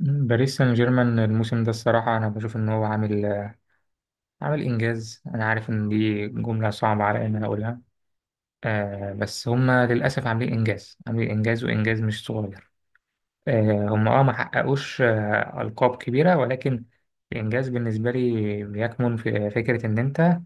باريس سان جيرمان الموسم ده الصراحة أنا بشوف إن هو عامل إنجاز. أنا عارف إن دي جملة صعبة على إن أنا أقولها. بس هما للأسف عاملين إنجاز، عاملين إنجاز، وإنجاز مش صغير. هما ما حققوش ألقاب كبيرة، ولكن الإنجاز بالنسبة لي بيكمن في فكرة إن أنت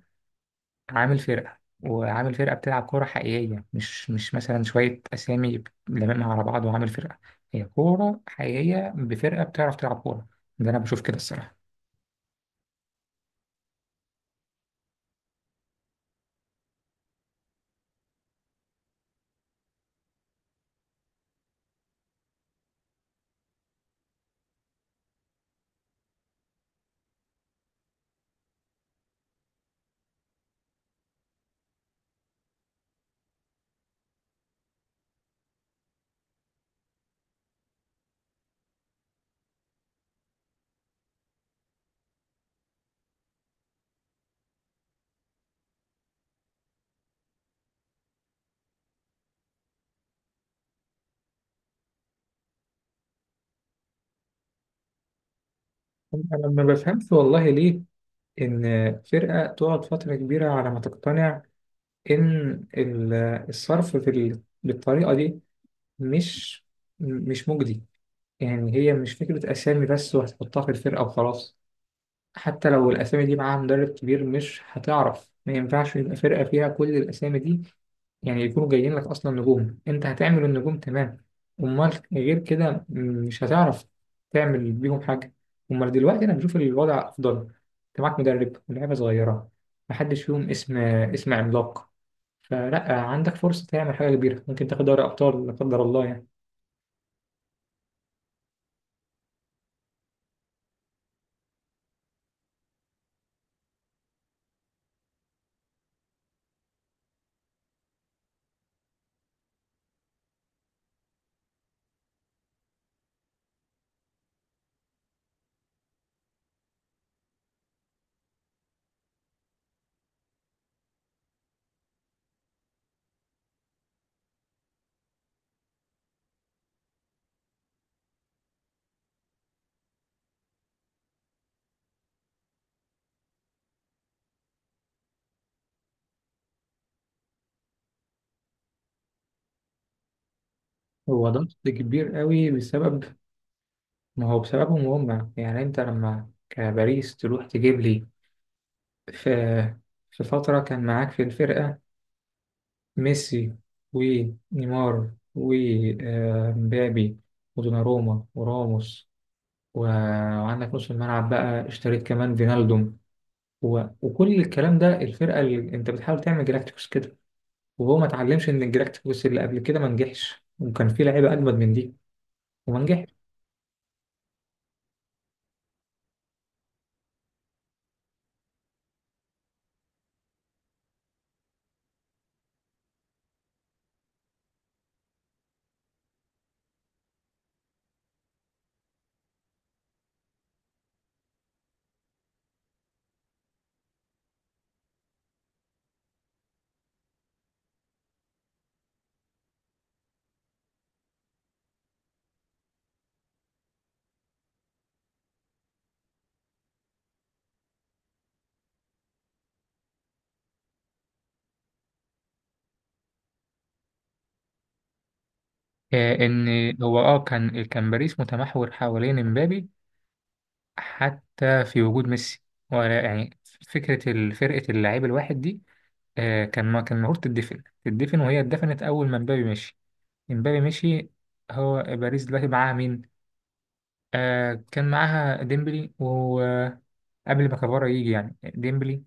عامل فرقة، وعامل فرقة بتلعب كورة حقيقية، مش مثلا شوية أسامي لممها على بعض، وعامل فرقة هي كورة حقيقية بفرقة بتعرف تلعب كورة. ده أنا بشوف كده الصراحة. انا ما بفهمش والله ليه ان فرقه تقعد فتره كبيره على ما تقتنع ان الصرف في بالطريقه دي مش مش مجدي. يعني هي مش فكره اسامي بس وهتحطها في الفرقه وخلاص. حتى لو الأسامي دي معاها مدرب كبير مش هتعرف، ما ينفعش يبقى فرقة فيها كل الأسامي دي. يعني يكونوا جايين لك أصلا نجوم، أنت هتعمل النجوم؟ تمام. أمال غير كده مش هتعرف تعمل بيهم حاجة. أمال دلوقتي أنا بشوف الوضع أفضل، أنت معاك مدرب ولاعيبة صغيرة، محدش فيهم اسم عملاق، فلا عندك فرصة تعمل حاجة كبيرة، ممكن تاخد دوري أبطال لا قدر الله يعني. هو ضغط كبير قوي بسبب. ما هو بسببهم هم يعني. انت لما كباريس تروح تجيب لي في في فترة كان معاك في الفرقة ميسي ونيمار ومبابي ودوناروما وراموس و- وعندك نص الملعب، بقى اشتريت كمان فينالدوم و... وكل الكلام ده، الفرقة اللي انت بتحاول تعمل جلاكتيكوس كده، وهو ما اتعلمش ان الجلاكتيكوس اللي قبل كده ما نجحش، وكان في لعيبة اجمد من دي وما نجحش. ان هو كان باريس متمحور حوالين امبابي، حتى في وجود ميسي، ولا يعني فكرة فرقة اللاعب الواحد دي. ما كان المفروض تدفن، تدفن، وهي اتدفنت أول ما مبابي مشي. مبابي مشي. هو باريس دلوقتي معاها مين؟ كان معاها ديمبلي، وقبل ما كفارة يجي يعني ديمبلي،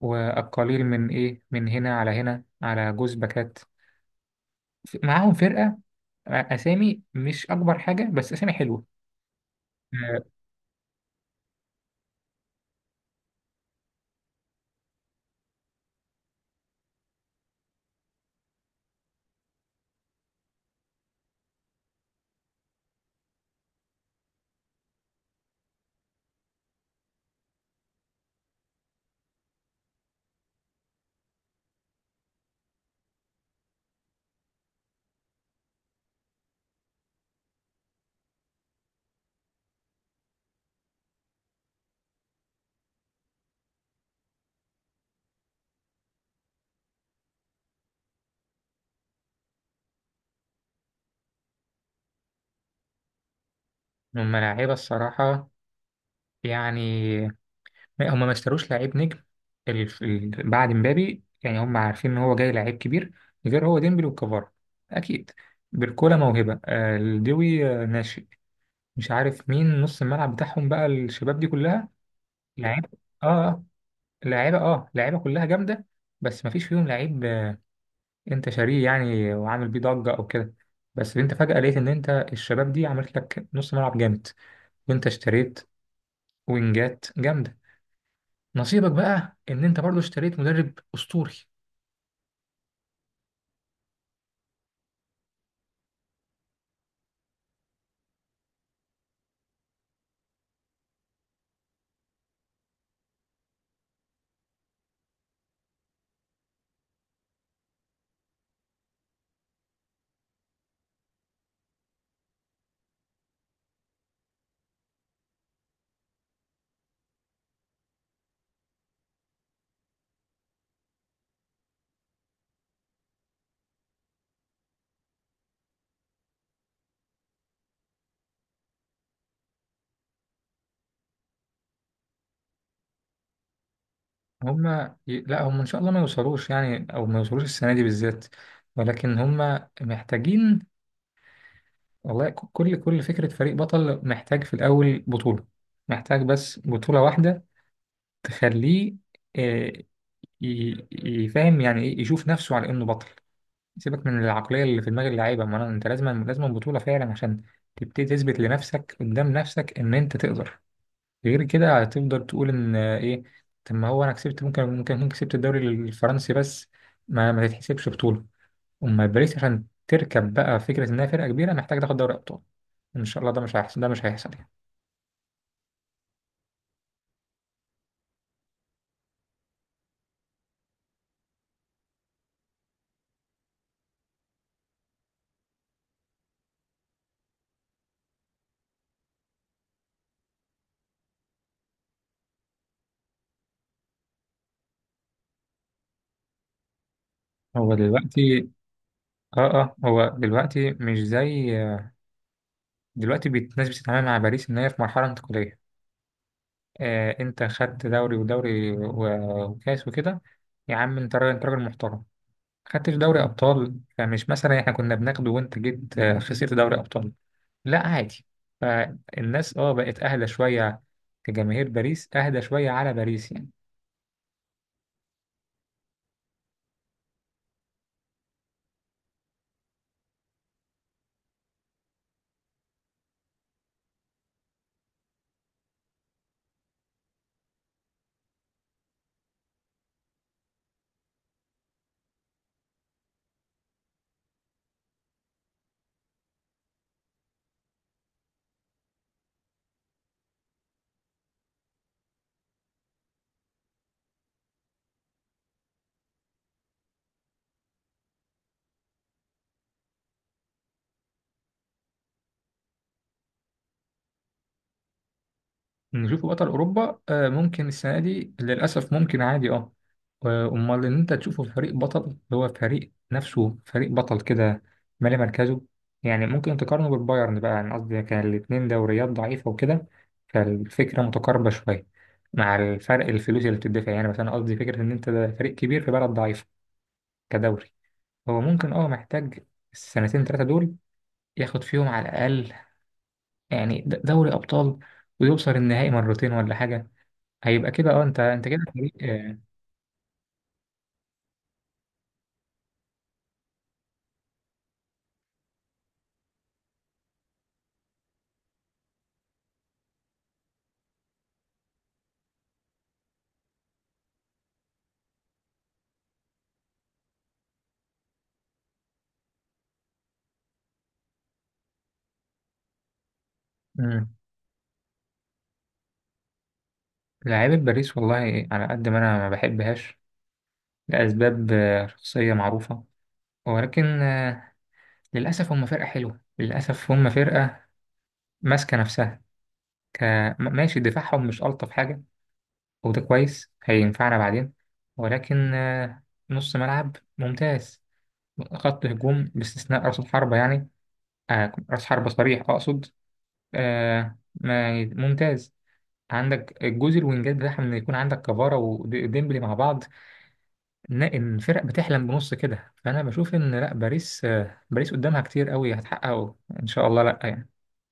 والقليل من إيه من هنا على هنا على جوز باكات. معاهم فرقة، أسامي مش أكبر حاجة بس أسامي حلوة. آه، هم لاعيبة الصراحة. يعني هم ما اشتروش لعيب نجم. بعد مبابي يعني هم عارفين ان هو جاي لعيب كبير، غير هو ديمبلي وكفارا اكيد. بيركولا موهبه، الدوي ناشئ. مش عارف مين نص الملعب بتاعهم بقى، الشباب دي كلها لعيبه. اه آه، لعيبه كلها جامده. بس ما فيش فيهم لعيب، انت شاريه يعني وعامل بيه ضجه او كده. بس انت فجاه لقيت ان انت الشباب دي عملت لك نص ملعب جامد، وانت اشتريت وينجات جامده. نصيبك بقى ان انت برضو اشتريت مدرب اسطوري. هما لا، هم ان شاء الله ما يوصلوش يعني، او ما يوصلوش السنه دي بالذات. ولكن هما محتاجين والله. كل فكره فريق بطل محتاج في الاول بطوله. محتاج بس بطوله واحده تخليه، آه، يفهم يعني ايه، يشوف نفسه على انه بطل. سيبك من العقليه اللي في دماغ اللعيبه. ما أنا- انت لازم بطوله فعلا عشان تبتدي تثبت لنفسك قدام نفسك ان انت تقدر. غير كده هتفضل تقول ان ايه؟ طب ما هو انا كسبت، ممكن كسبت الدوري الفرنسي بس ما تتحسبش بطوله. اما باريس عشان تركب بقى فكره انها فرقه كبيره محتاج تاخد دوري ابطال، ان شاء الله ده مش هيحصل. ده مش هيحصل يعني. هو دلوقتي اه هو دلوقتي مش زي. دلوقتي الناس بتتعامل مع باريس ان هي في مرحله انتقاليه. انت خدت دوري ودوري و- وكاس وكده. يا عم انت راجل، انت راجل محترم. خدتش دوري ابطال، فمش مثلا احنا كنا بناخده وانت جيت خسرت دوري ابطال. لا، عادي. فالناس بقت اهدى شويه، كجماهير باريس اهدى شويه على باريس يعني. نشوف بطل اوروبا؟ ممكن السنه دي للاسف، ممكن عادي. امال ان انت تشوفه في فريق بطل اللي هو فريق نفسه فريق بطل كده، مالي مركزه. يعني ممكن تقارنه بالبايرن بقى، يعني قصدي كان الاتنين دوريات ضعيفه وكده، فالفكره متقاربه شويه مع الفرق الفلوس اللي بتدفع يعني. مثلا قصدي فكره ان انت ده فريق كبير في بلد ضعيفه كدوري. هو ممكن محتاج السنتين تلاتة دول ياخد فيهم على الأقل، يعني دوري أبطال، ويوصل النهائي مرتين ولا حاجة. هيبقى كده انت كده فريق. مم. لعيبة باريس والله على قد ما أنا ما بحبهاش لأسباب شخصية معروفة، ولكن للأسف هم فرقة حلوة. للأسف هم فرقة ماسكة نفسها. ك... ماشي، دفاعهم مش ألطف حاجة، وده كويس هينفعنا بعدين. ولكن نص ملعب ممتاز، خط هجوم باستثناء رأس الحربة يعني. رأس حربة صريح أقصد. ما ممتاز. عندك الجزء الوينجات بتاعها، إن يكون عندك كفارا وديمبلي مع بعض، إن الفرق بتحلم بنص كده. فأنا بشوف إن لا، باريس قدامها كتير قوي هتحققه إن شاء الله، لا يعني.